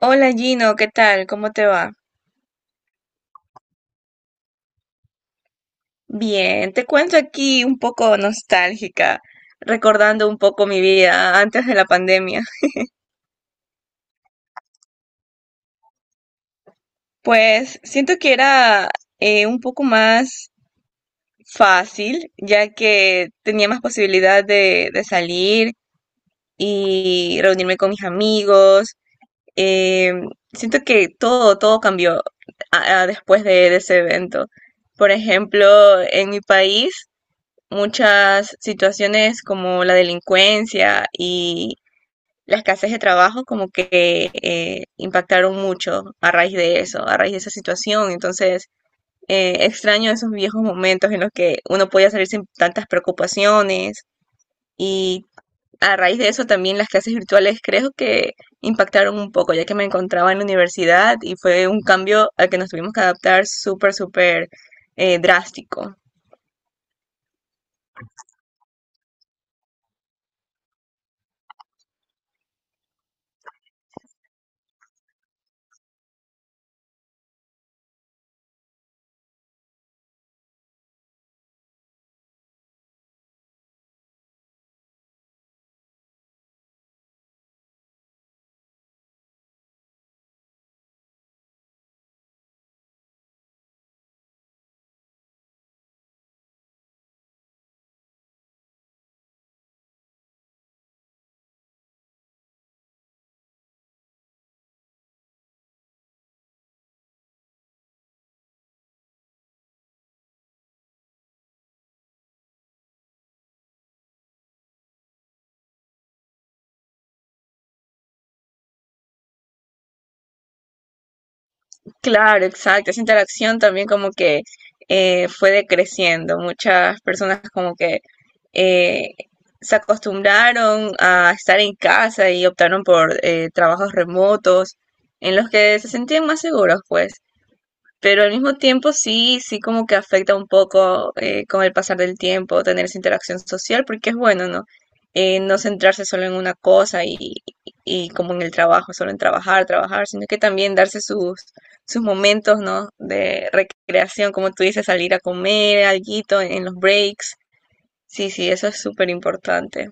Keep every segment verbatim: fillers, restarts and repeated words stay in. Hola Gino, ¿qué tal? ¿Cómo te va? Bien, te cuento aquí un poco nostálgica, recordando un poco mi vida antes de la pandemia. Pues siento que era eh, un poco más fácil, ya que tenía más posibilidad de, de salir y reunirme con mis amigos. Eh, Siento que todo, todo cambió ah, ah, después de de ese evento. Por ejemplo, en mi país muchas situaciones como la delincuencia y la escasez de trabajo como que eh, impactaron mucho a raíz de eso, a raíz de esa situación. Entonces, eh, extraño esos viejos momentos en los que uno podía salir sin tantas preocupaciones y a raíz de eso también las clases virtuales creo que impactaron un poco, ya que me encontraba en la universidad y fue un cambio al que nos tuvimos que adaptar súper, súper eh, drástico. Claro, exacto. Esa interacción también como que eh, fue decreciendo. Muchas personas como que eh, se acostumbraron a estar en casa y optaron por eh, trabajos remotos en los que se sentían más seguros, pues. Pero al mismo tiempo sí, sí como que afecta un poco eh, con el pasar del tiempo tener esa interacción social, porque es bueno, ¿no? Eh, no centrarse solo en una cosa y, y como en el trabajo, solo en trabajar, trabajar, sino que también darse sus, sus momentos, ¿no? De recreación, como tú dices, salir a comer, alguito en los breaks. Sí, sí, eso es súper importante.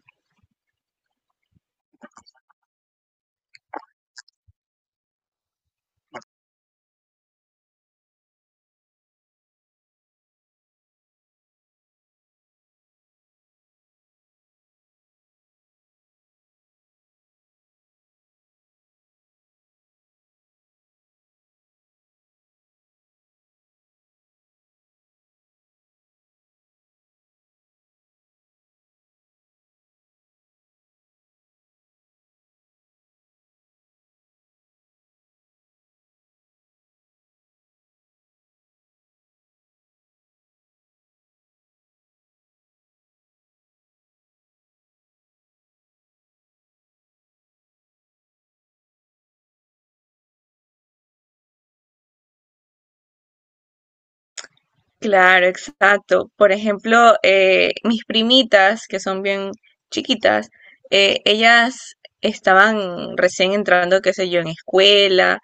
Claro, exacto. Por ejemplo, eh, mis primitas, que son bien chiquitas, eh, ellas estaban recién entrando, qué sé yo, en escuela,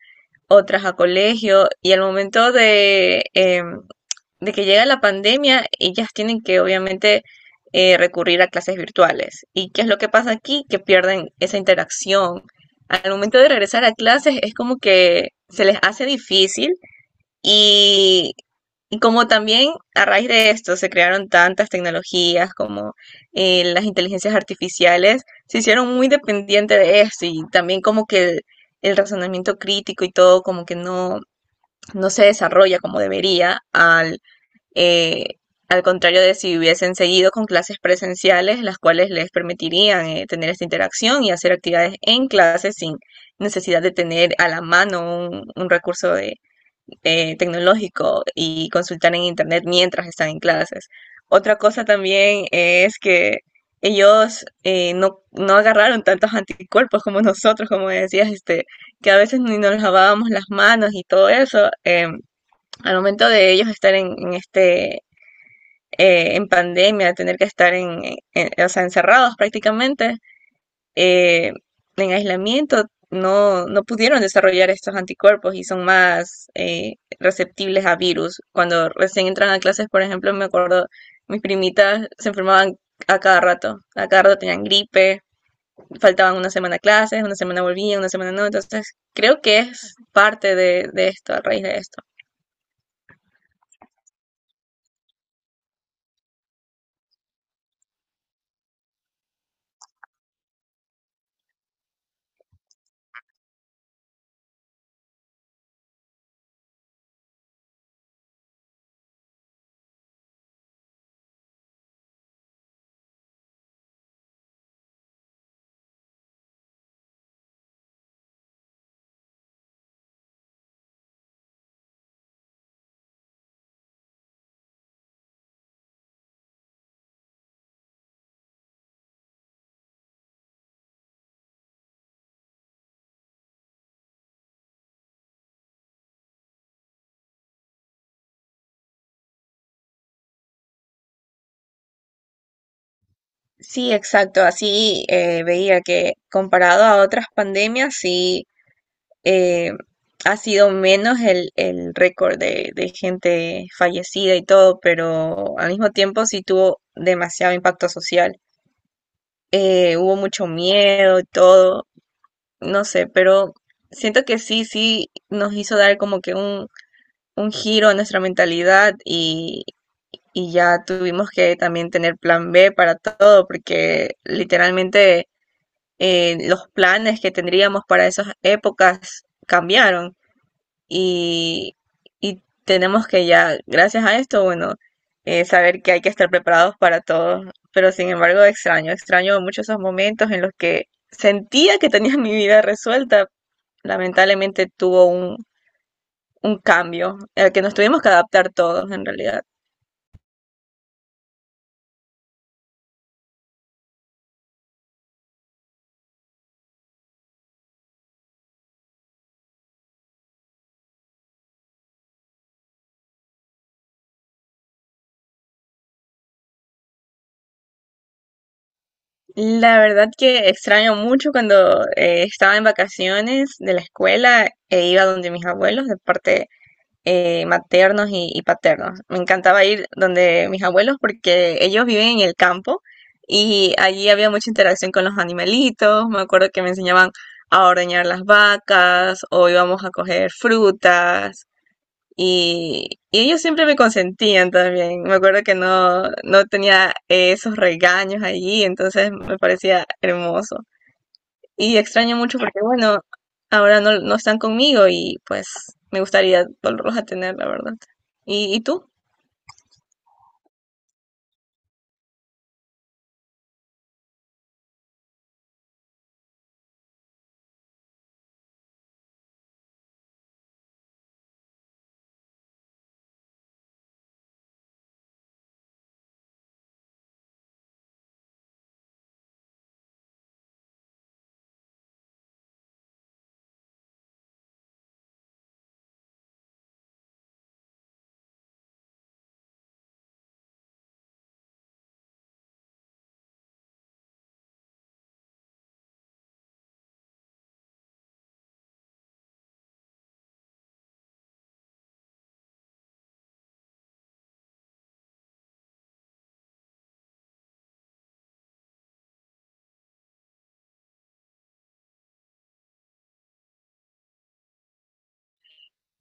otras a colegio, y al momento de, em, de que llega la pandemia, ellas tienen que obviamente eh, recurrir a clases virtuales. ¿Y qué es lo que pasa aquí? Que pierden esa interacción. Al momento de regresar a clases es como que se les hace difícil. Y y como también a raíz de esto se crearon tantas tecnologías como eh, las inteligencias artificiales, se hicieron muy dependientes de esto y también como que el, el razonamiento crítico y todo como que no, no se desarrolla como debería al, eh, al contrario de si hubiesen seguido con clases presenciales, las cuales les permitirían eh, tener esta interacción y hacer actividades en clase sin necesidad de tener a la mano un, un recurso de eh, tecnológico y consultar en internet mientras están en clases. Otra cosa también es que ellos eh, no, no agarraron tantos anticuerpos como nosotros, como decías, este, que a veces ni nos lavábamos las manos y todo eso. Eh, al momento de ellos estar en, en este, eh, en pandemia, tener que estar en, en- o sea, encerrados prácticamente, eh, en aislamiento no, no pudieron desarrollar estos anticuerpos y son más eh, receptibles a virus. Cuando recién entran a clases, por ejemplo, me acuerdo, mis primitas se enfermaban a cada rato, a cada rato tenían gripe, faltaban una semana a clases, una semana volvían, una semana no, entonces creo que es parte de, de esto, a raíz de esto. Sí, exacto, así eh, veía que comparado a otras pandemias, sí eh, ha sido menos el, el récord de, de gente fallecida y todo, pero al mismo tiempo sí tuvo demasiado impacto social. Eh, hubo mucho miedo y todo, no sé, pero siento que sí, sí nos hizo dar como que un, un giro a nuestra mentalidad y, y ya tuvimos que también tener plan B para todo, porque literalmente eh, los planes que tendríamos para esas épocas cambiaron. y, y tenemos que ya, gracias a esto, bueno, eh, saber que hay que estar preparados para todo. Pero sin embargo, extraño, extraño mucho esos momentos en los que sentía que tenía mi vida resuelta. Lamentablemente tuvo un, un cambio al que nos tuvimos que adaptar todos en realidad. La verdad que extraño mucho cuando eh, estaba en vacaciones de la escuela e iba donde mis abuelos de parte eh, maternos y, y paternos. Me encantaba ir donde mis abuelos porque ellos viven en el campo y allí había mucha interacción con los animalitos. Me acuerdo que me enseñaban a ordeñar las vacas o íbamos a coger frutas. Y, y ellos siempre me consentían también. Me acuerdo que no, no tenía eh, esos regaños allí, entonces me parecía hermoso. Y extraño mucho porque, bueno, ahora no, no están conmigo y pues me gustaría volverlos a tener, la verdad. ¿Y, y tú?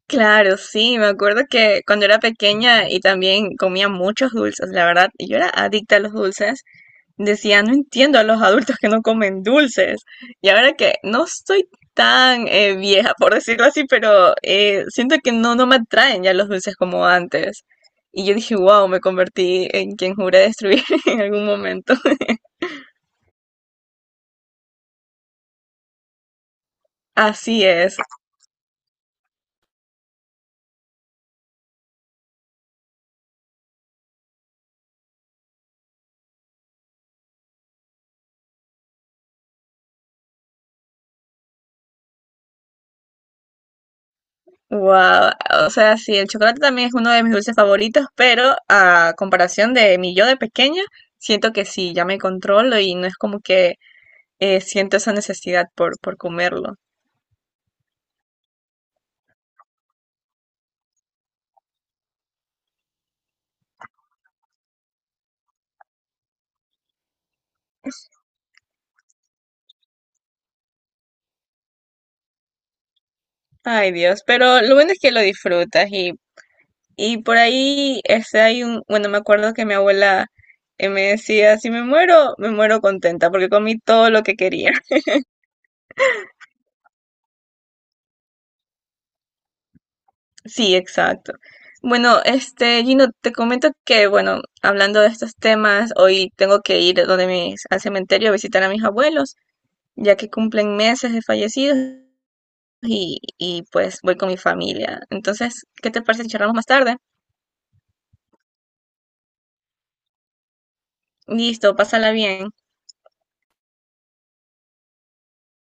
Claro, sí, me acuerdo que cuando era pequeña y también comía muchos dulces, la verdad, yo era adicta a los dulces. Decía, no entiendo a los adultos que no comen dulces. Y ahora que no estoy tan eh, vieja, por decirlo así, pero eh, siento que no, no me atraen ya los dulces como antes. Y yo dije, wow, me convertí en quien juré destruir en algún momento. Así es. Wow. O sea, sí, el chocolate también es uno de mis dulces favoritos, pero a comparación de mi yo de pequeña, siento que sí, ya me controlo y no es como que eh, siento esa necesidad por, por comerlo. Ay, Dios. Pero lo bueno es que lo disfrutas y, y por ahí este, hay un, bueno, me acuerdo que mi abuela eh, me decía, si me muero, me muero contenta porque comí todo lo que quería. Sí, exacto. Bueno, este, Gino, te comento que, bueno, hablando de estos temas, hoy tengo que ir donde mis, al cementerio a visitar a mis abuelos, ya que cumplen meses de fallecidos y, y pues voy con mi familia. Entonces, ¿qué te parece si charlamos más tarde? Listo, pásala bien.